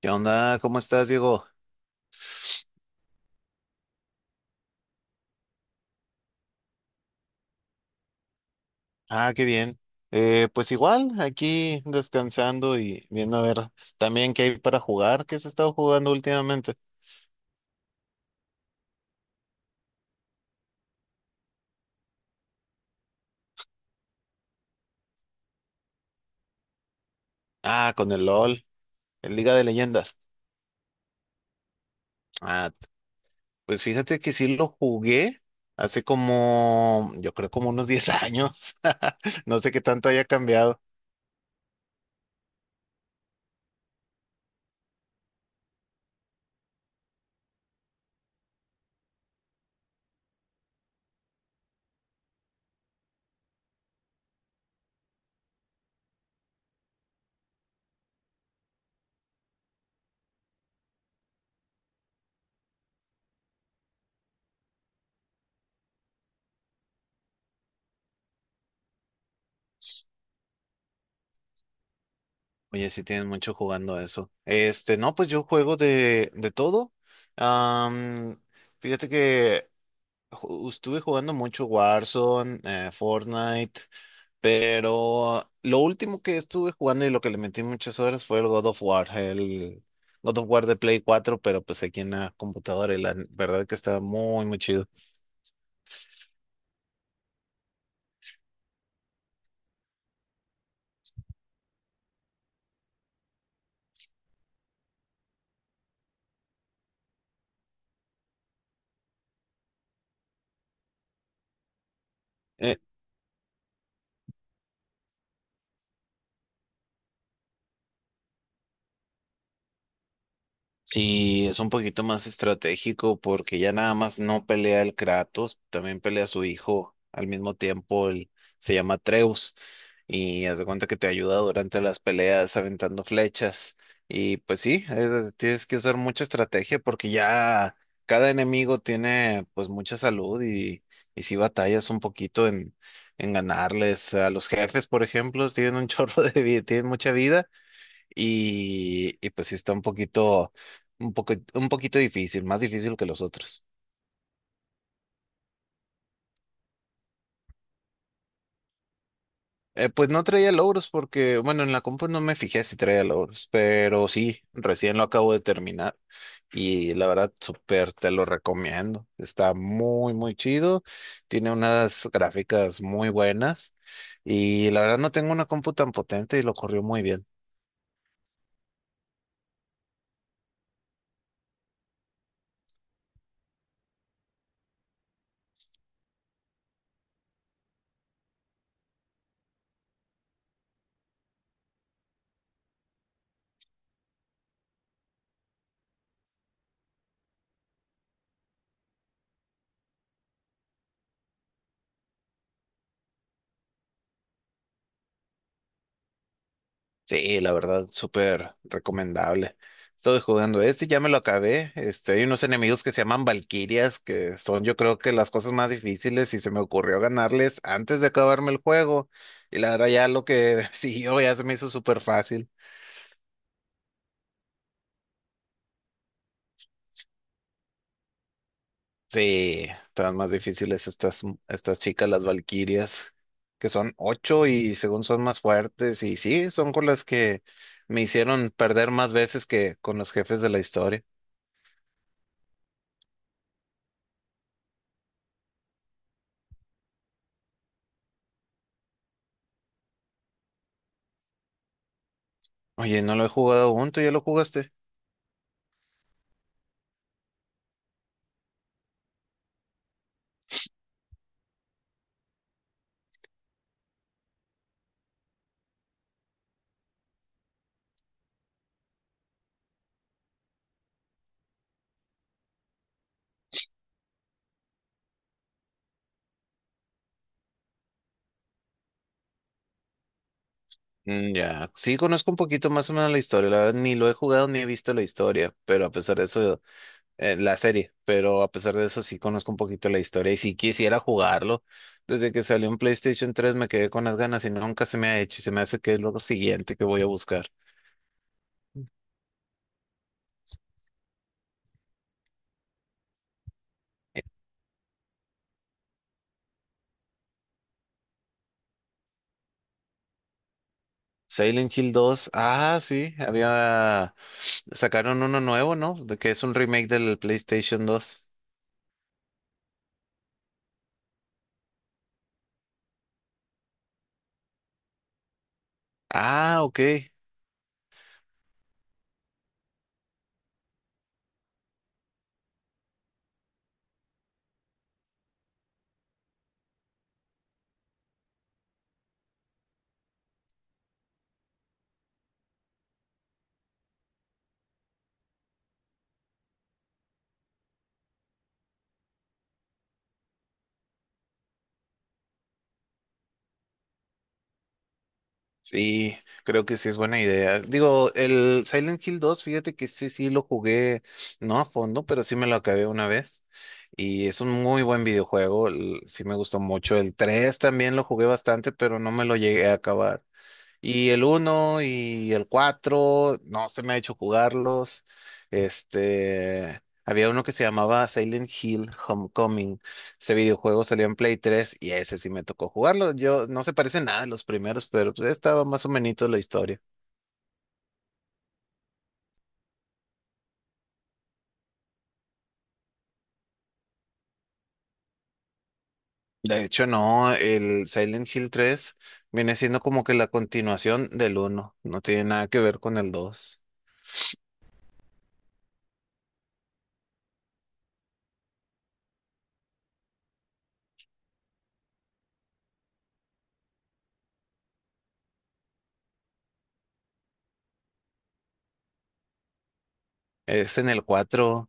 ¿Qué onda? ¿Cómo estás, Diego? Ah, qué bien. Pues igual, aquí descansando y viendo a ver también qué hay para jugar, qué se ha estado jugando últimamente. Ah, con el LOL, el Liga de Leyendas. Ah, pues fíjate que sí lo jugué hace como, yo creo como unos 10 años. No sé qué tanto haya cambiado. Oye, sí tienes mucho jugando eso. Este, no, pues yo juego de todo. Am, Fíjate que estuve jugando mucho Warzone, Fortnite, pero lo último que estuve jugando y lo que le metí muchas horas fue el God of War, el God of War de Play cuatro, pero pues aquí en la computadora y la verdad que está muy, muy chido. Eh, sí, es un poquito más estratégico porque ya nada más no pelea el Kratos, también pelea a su hijo al mismo tiempo, se llama Atreus. Y haz de cuenta que te ayuda durante las peleas aventando flechas. Y pues sí, tienes que usar mucha estrategia porque ya cada enemigo tiene pues mucha salud y si batallas un poquito en ganarles. A los jefes, por ejemplo, tienen un chorro de vida, tienen mucha vida y pues sí está un poquito, un poco, un poquito difícil, más difícil que los otros. Pues no traía logros porque, bueno, en la compu no me fijé si traía logros, pero sí, recién lo acabo de terminar y la verdad, súper te lo recomiendo. Está muy, muy chido, tiene unas gráficas muy buenas y la verdad no tengo una compu tan potente y lo corrió muy bien. Sí, la verdad, súper recomendable. Estoy jugando este, ya me lo acabé. Este, hay unos enemigos que se llaman Valquirias, que son yo creo que las cosas más difíciles y se me ocurrió ganarles antes de acabarme el juego. Y la verdad ya lo que siguió ya se me hizo súper fácil. Sí, estaban más difíciles estas, estas chicas, las Valquirias, que son ocho y según son más fuertes. Y sí, son con las que me hicieron perder más veces que con los jefes de la historia. Oye, no lo he jugado aún, ¿tú ya lo jugaste? Mm, ya, sí conozco un poquito más o menos la historia, la verdad ni lo he jugado ni he visto la historia, pero a pesar de eso, la serie, pero a pesar de eso sí conozco un poquito la historia y si quisiera jugarlo, desde que salió en PlayStation 3 me quedé con las ganas y nunca se me ha hecho y se me hace que es lo siguiente que voy a buscar. Eh, Silent Hill 2, ah, sí, había, sacaron uno nuevo, ¿no? De que es un remake del PlayStation 2. Ah, ok. Sí, creo que sí es buena idea. Digo, el Silent Hill 2, fíjate que sí, sí lo jugué, no a fondo, pero sí me lo acabé una vez. Y es un muy buen videojuego, sí me gustó mucho. El 3 también lo jugué bastante, pero no me lo llegué a acabar. Y el uno y el 4 no se me ha hecho jugarlos. Este, había uno que se llamaba Silent Hill Homecoming. Ese videojuego salió en Play 3 y ese sí me tocó jugarlo. Yo no se parece nada a los primeros, pero pues estaba más o menos la historia. De hecho, no, el Silent Hill 3 viene siendo como que la continuación del uno. No tiene nada que ver con el 2. Es en el cuatro,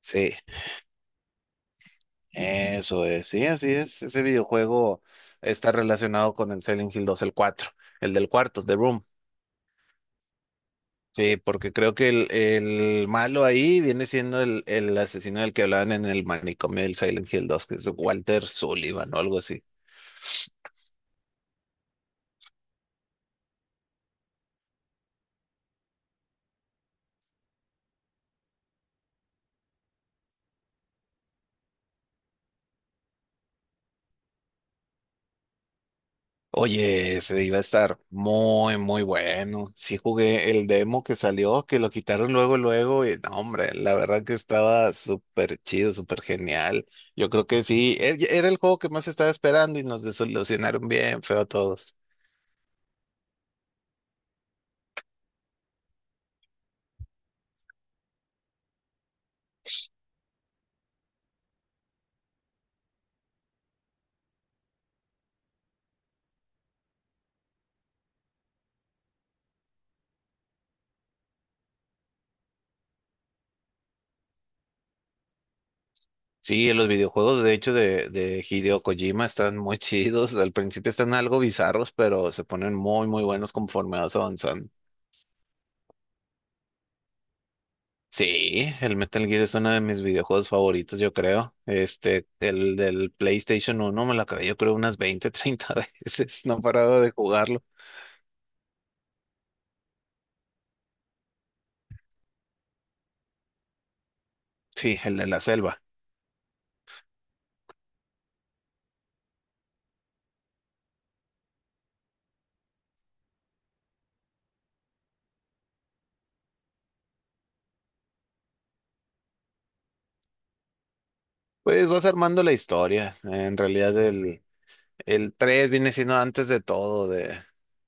sí. Eso es, sí, así es. Ese videojuego está relacionado con el Silent Hill dos, el cuatro, el del cuarto, The Room. Sí, porque creo que el malo ahí viene siendo el asesino del que hablaban en el manicomio del Silent Hill 2, que es Walter Sullivan o algo así. Oye, se iba a estar muy, muy bueno. Sí jugué el demo que salió, que lo quitaron luego, luego, y no, hombre, la verdad que estaba súper chido, súper genial. Yo creo que sí, era el juego que más estaba esperando y nos desilusionaron bien feo a todos. Sí, los videojuegos, de hecho, de Hideo Kojima están muy chidos. Al principio están algo bizarros, pero se ponen muy, muy buenos conforme vas avanzando. Sí, el Metal Gear es uno de mis videojuegos favoritos, yo creo. Este, el del PlayStation uno, me lo acabé, yo creo, unas 20, 30 veces. No he parado de jugarlo. Sí, el de la selva. Pues vas armando la historia. En realidad, el 3 viene siendo antes de todo. De,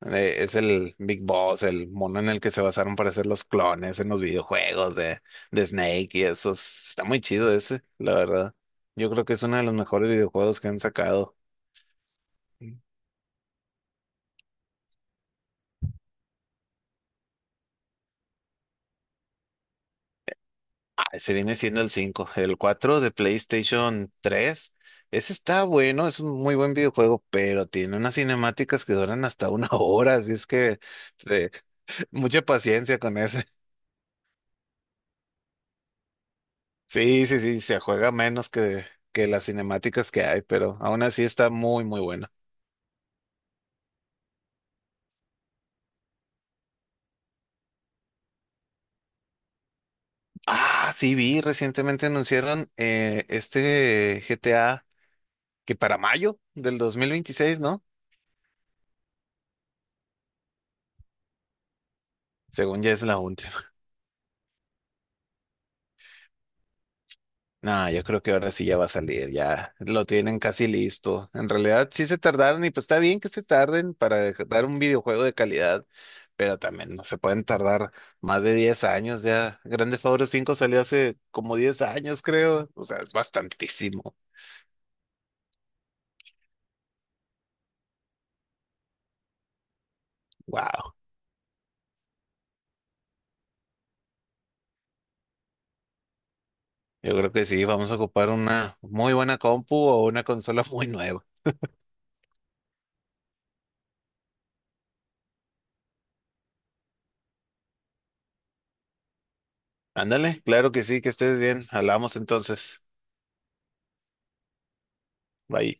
es el Big Boss, el mono en el que se basaron para hacer los clones en los videojuegos de Snake y eso. Está muy chido ese, la verdad. Yo creo que es uno de los mejores videojuegos que han sacado. Se viene siendo el cinco. El 4 de PlayStation 3. Ese está bueno, es un muy buen videojuego, pero tiene unas cinemáticas que duran hasta una hora, así es que eh, mucha paciencia con ese. Sí, sí, sí, se juega menos que las cinemáticas que hay, pero aún así está muy, muy bueno. Ah, sí, vi, recientemente anunciaron este GTA que para mayo del 2026, ¿no? Según ya es la, ult-. No, yo creo que ahora sí ya va a salir, ya lo tienen casi listo. En realidad sí se tardaron y pues está bien que se tarden para dar un videojuego de calidad, pero también no se pueden tardar más de 10 años ya. Grande Auto 5 salió hace como 10 años, creo. O sea, es bastantísimo. Wow. Yo creo que sí, vamos a ocupar una muy buena compu o una consola muy nueva. Ándale, claro que sí, que estés bien. Hablamos entonces. Bye.